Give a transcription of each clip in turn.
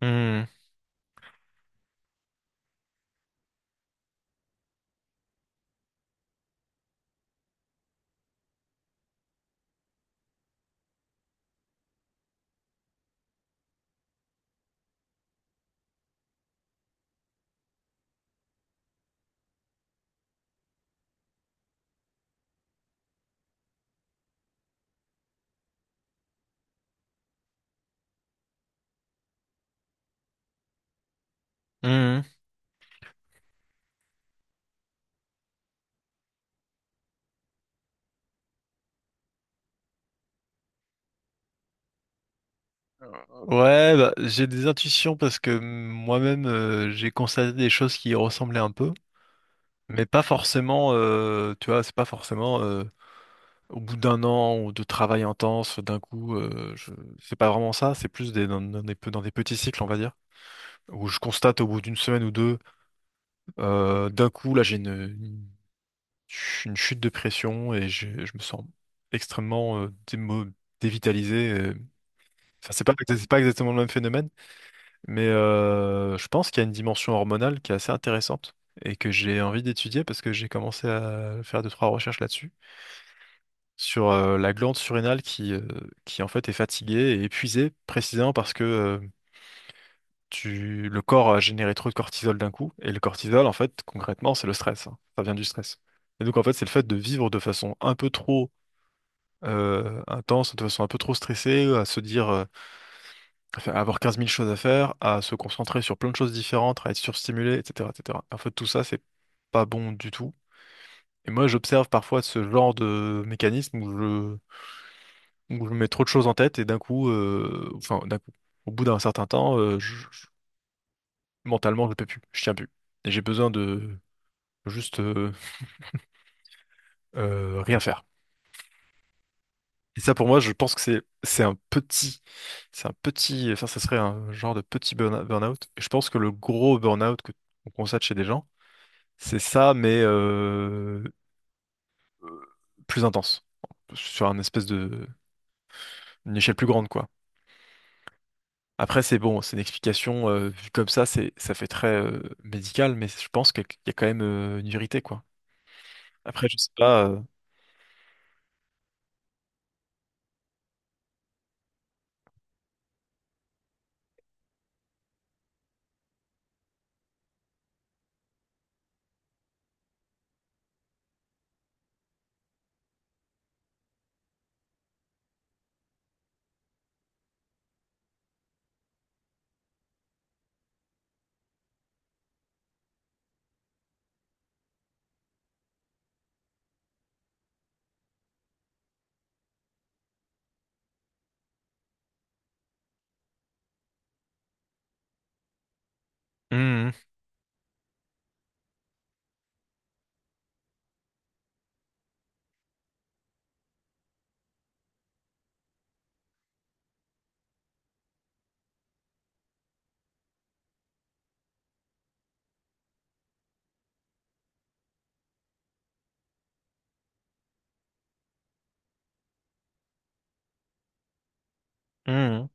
Hmm, hmm. Ouais, bah, j'ai des intuitions parce que moi-même j'ai constaté des choses qui y ressemblaient un peu, mais pas forcément, tu vois, c'est pas forcément au bout d'un an ou de travail intense, d'un coup, je... C'est pas vraiment ça, c'est plus des, dans, dans des, pe- dans des petits cycles, on va dire, où je constate au bout d'une semaine ou deux, d'un coup, là j'ai une une chute de pression et je me sens extrêmement dévitalisé. Enfin, c'est pas exactement le même phénomène. Mais je pense qu'il y a une dimension hormonale qui est assez intéressante et que j'ai envie d'étudier parce que j'ai commencé à faire deux, trois recherches là-dessus, sur la glande surrénale qui en fait est fatiguée et épuisée précisément parce que le corps a généré trop de cortisol d'un coup. Et le cortisol, en fait, concrètement, c'est le stress. Hein. Ça vient du stress. Et donc, en fait, c'est le fait de vivre de façon un peu trop intense, de façon un peu trop stressée, à se dire. À avoir quinze mille choses à faire, à se concentrer sur plein de choses différentes, à être surstimulé, etc., etc. En fait, tout ça, c'est pas bon du tout. Et moi, j'observe parfois ce genre de mécanisme où je mets trop de choses en tête et d'un coup, d'un coup, au bout d'un certain temps, mentalement, je peux plus, je tiens plus. Et j'ai besoin de juste rien faire. Et ça, pour moi, je pense que c'est un petit, enfin, ça serait un genre de petit burn-out. Et je pense que le gros burn-out qu'on constate chez des gens c'est ça, mais euh, plus intense, sur un espèce de une échelle plus grande, quoi. Après, c'est bon, c'est une explication vue comme ça, c'est ça fait très médical, mais je pense qu'il y a quand même une vérité, quoi. Après, je sais pas. Mhm, mhm.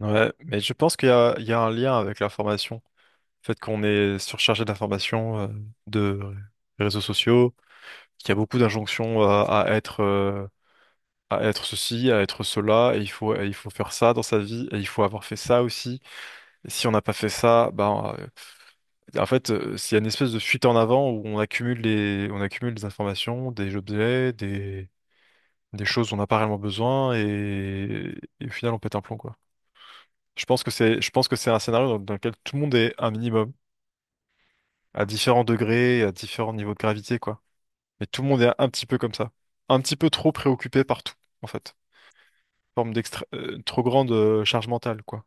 Ouais, mais je pense qu'il y a, il y a un lien avec l'information. Le fait qu'on est surchargé d'informations, de réseaux sociaux, qu'il y a beaucoup d'injonctions à être ceci, à être cela, et il faut faire ça dans sa vie, et il faut avoir fait ça aussi. Et si on n'a pas fait ça, ben, en fait, c'est une espèce de fuite en avant où on accumule des informations, des objets, des choses dont on n'a pas réellement besoin, et au final, on pète un plomb, quoi. Je pense que c'est un scénario dans lequel tout le monde est un minimum, à différents degrés, à différents niveaux de gravité, quoi. Mais tout le monde est un petit peu comme ça. Un petit peu trop préoccupé par tout, en fait. Forme d'extra, trop grande charge mentale, quoi.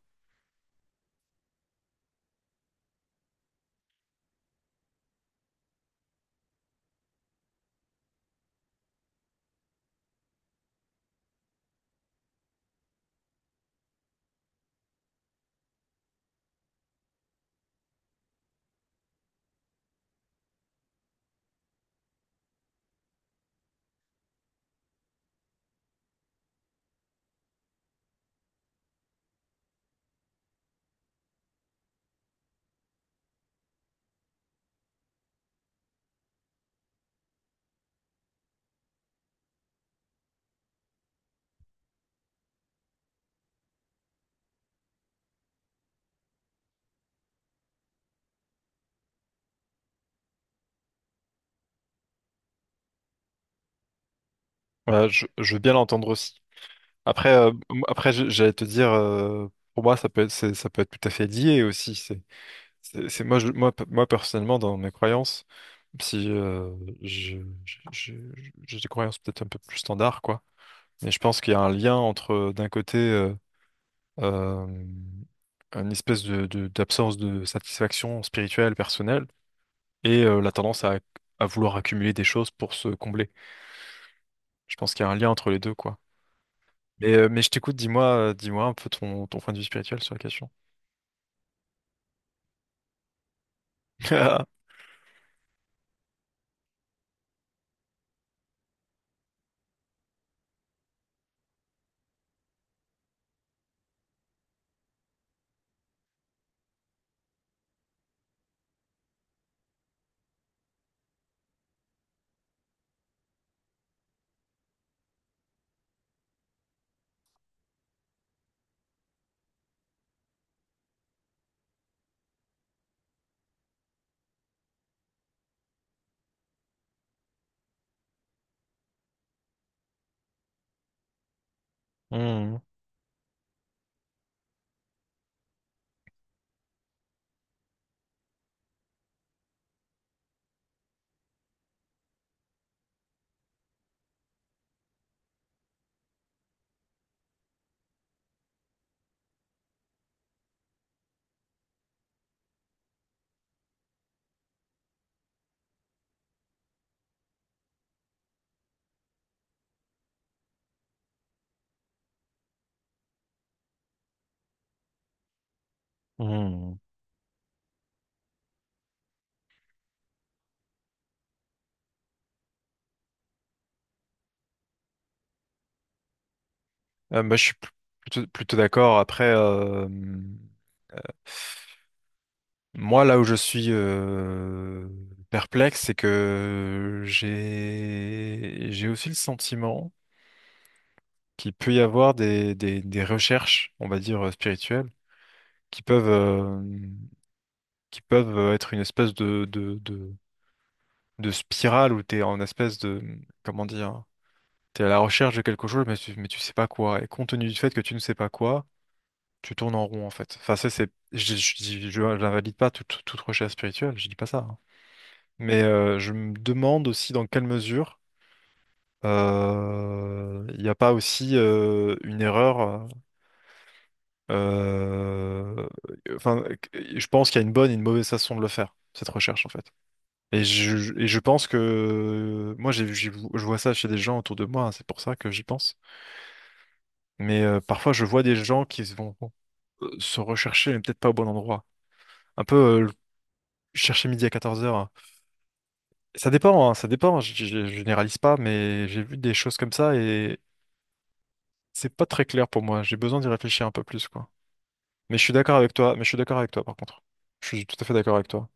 Ouais, je veux bien l'entendre aussi. Après, après, j'allais te dire, pour moi, ça peut être tout à fait lié aussi. Moi, moi, moi, personnellement, dans mes croyances, si je, je- j'ai des croyances peut-être un peu plus standard, quoi. Mais je pense qu'il y a un lien entre, d'un côté, euh, une espèce de, d'absence de satisfaction spirituelle, personnelle, et la tendance à vouloir accumuler des choses pour se combler. Je pense qu'il y a un lien entre les deux, quoi. Mais je t'écoute, dis-moi, dis-moi un peu ton, ton point de vue spirituel sur la question. Mmh, mmh. Bah, je suis plutôt, plutôt d'accord. Après, moi, là où je suis perplexe, c'est que j'ai aussi le sentiment qu'il peut y avoir des recherches, on va dire, spirituelles, qui peuvent, euh, qui peuvent être une espèce de spirale où t'es en espèce de, comment dire, t'es à la recherche de quelque chose, mais tu sais pas quoi. Et compte tenu du fait que tu ne sais pas quoi, tu tournes en rond, en fait. Enfin, ça, c'est, n'invalide pas toute recherche spirituelle, je dis pas ça. Hein. Mais je me demande aussi dans quelle mesure il n'y a pas aussi une erreur. Euh, enfin, je pense qu'il y a une bonne et une mauvaise façon de le faire, cette recherche, en fait. Et je pense que moi, je vois ça chez des gens autour de moi, hein, c'est pour ça que j'y pense. Mais parfois, je vois des gens qui se vont se rechercher, mais peut-être pas au bon endroit. Un peu chercher midi à 14 heures, hein. Ça dépend, hein, ça dépend, je généralise pas, mais j'ai vu des choses comme ça et c'est pas très clair pour moi. J'ai besoin d'y réfléchir un peu plus, quoi. Mais je suis d'accord avec toi, mais je suis d'accord avec toi par contre. Je suis tout à fait d'accord avec toi.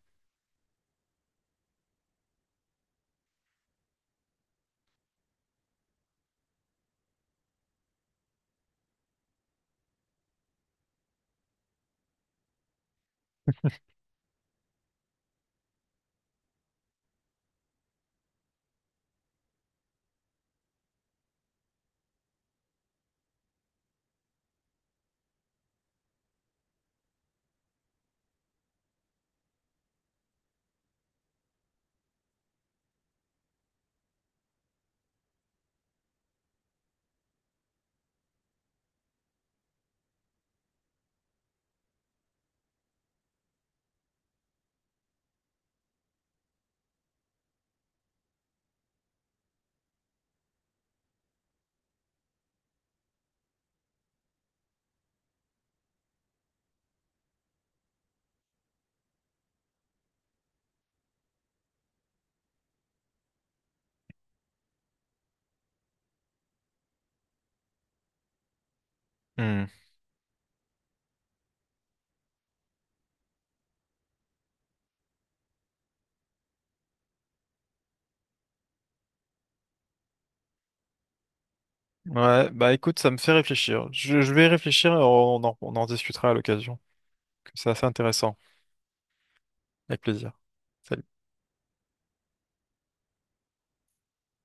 Hmm. Ouais, bah écoute, ça me fait réfléchir. Je vais réfléchir et on en discutera à l'occasion. C'est assez intéressant. Avec plaisir. Salut.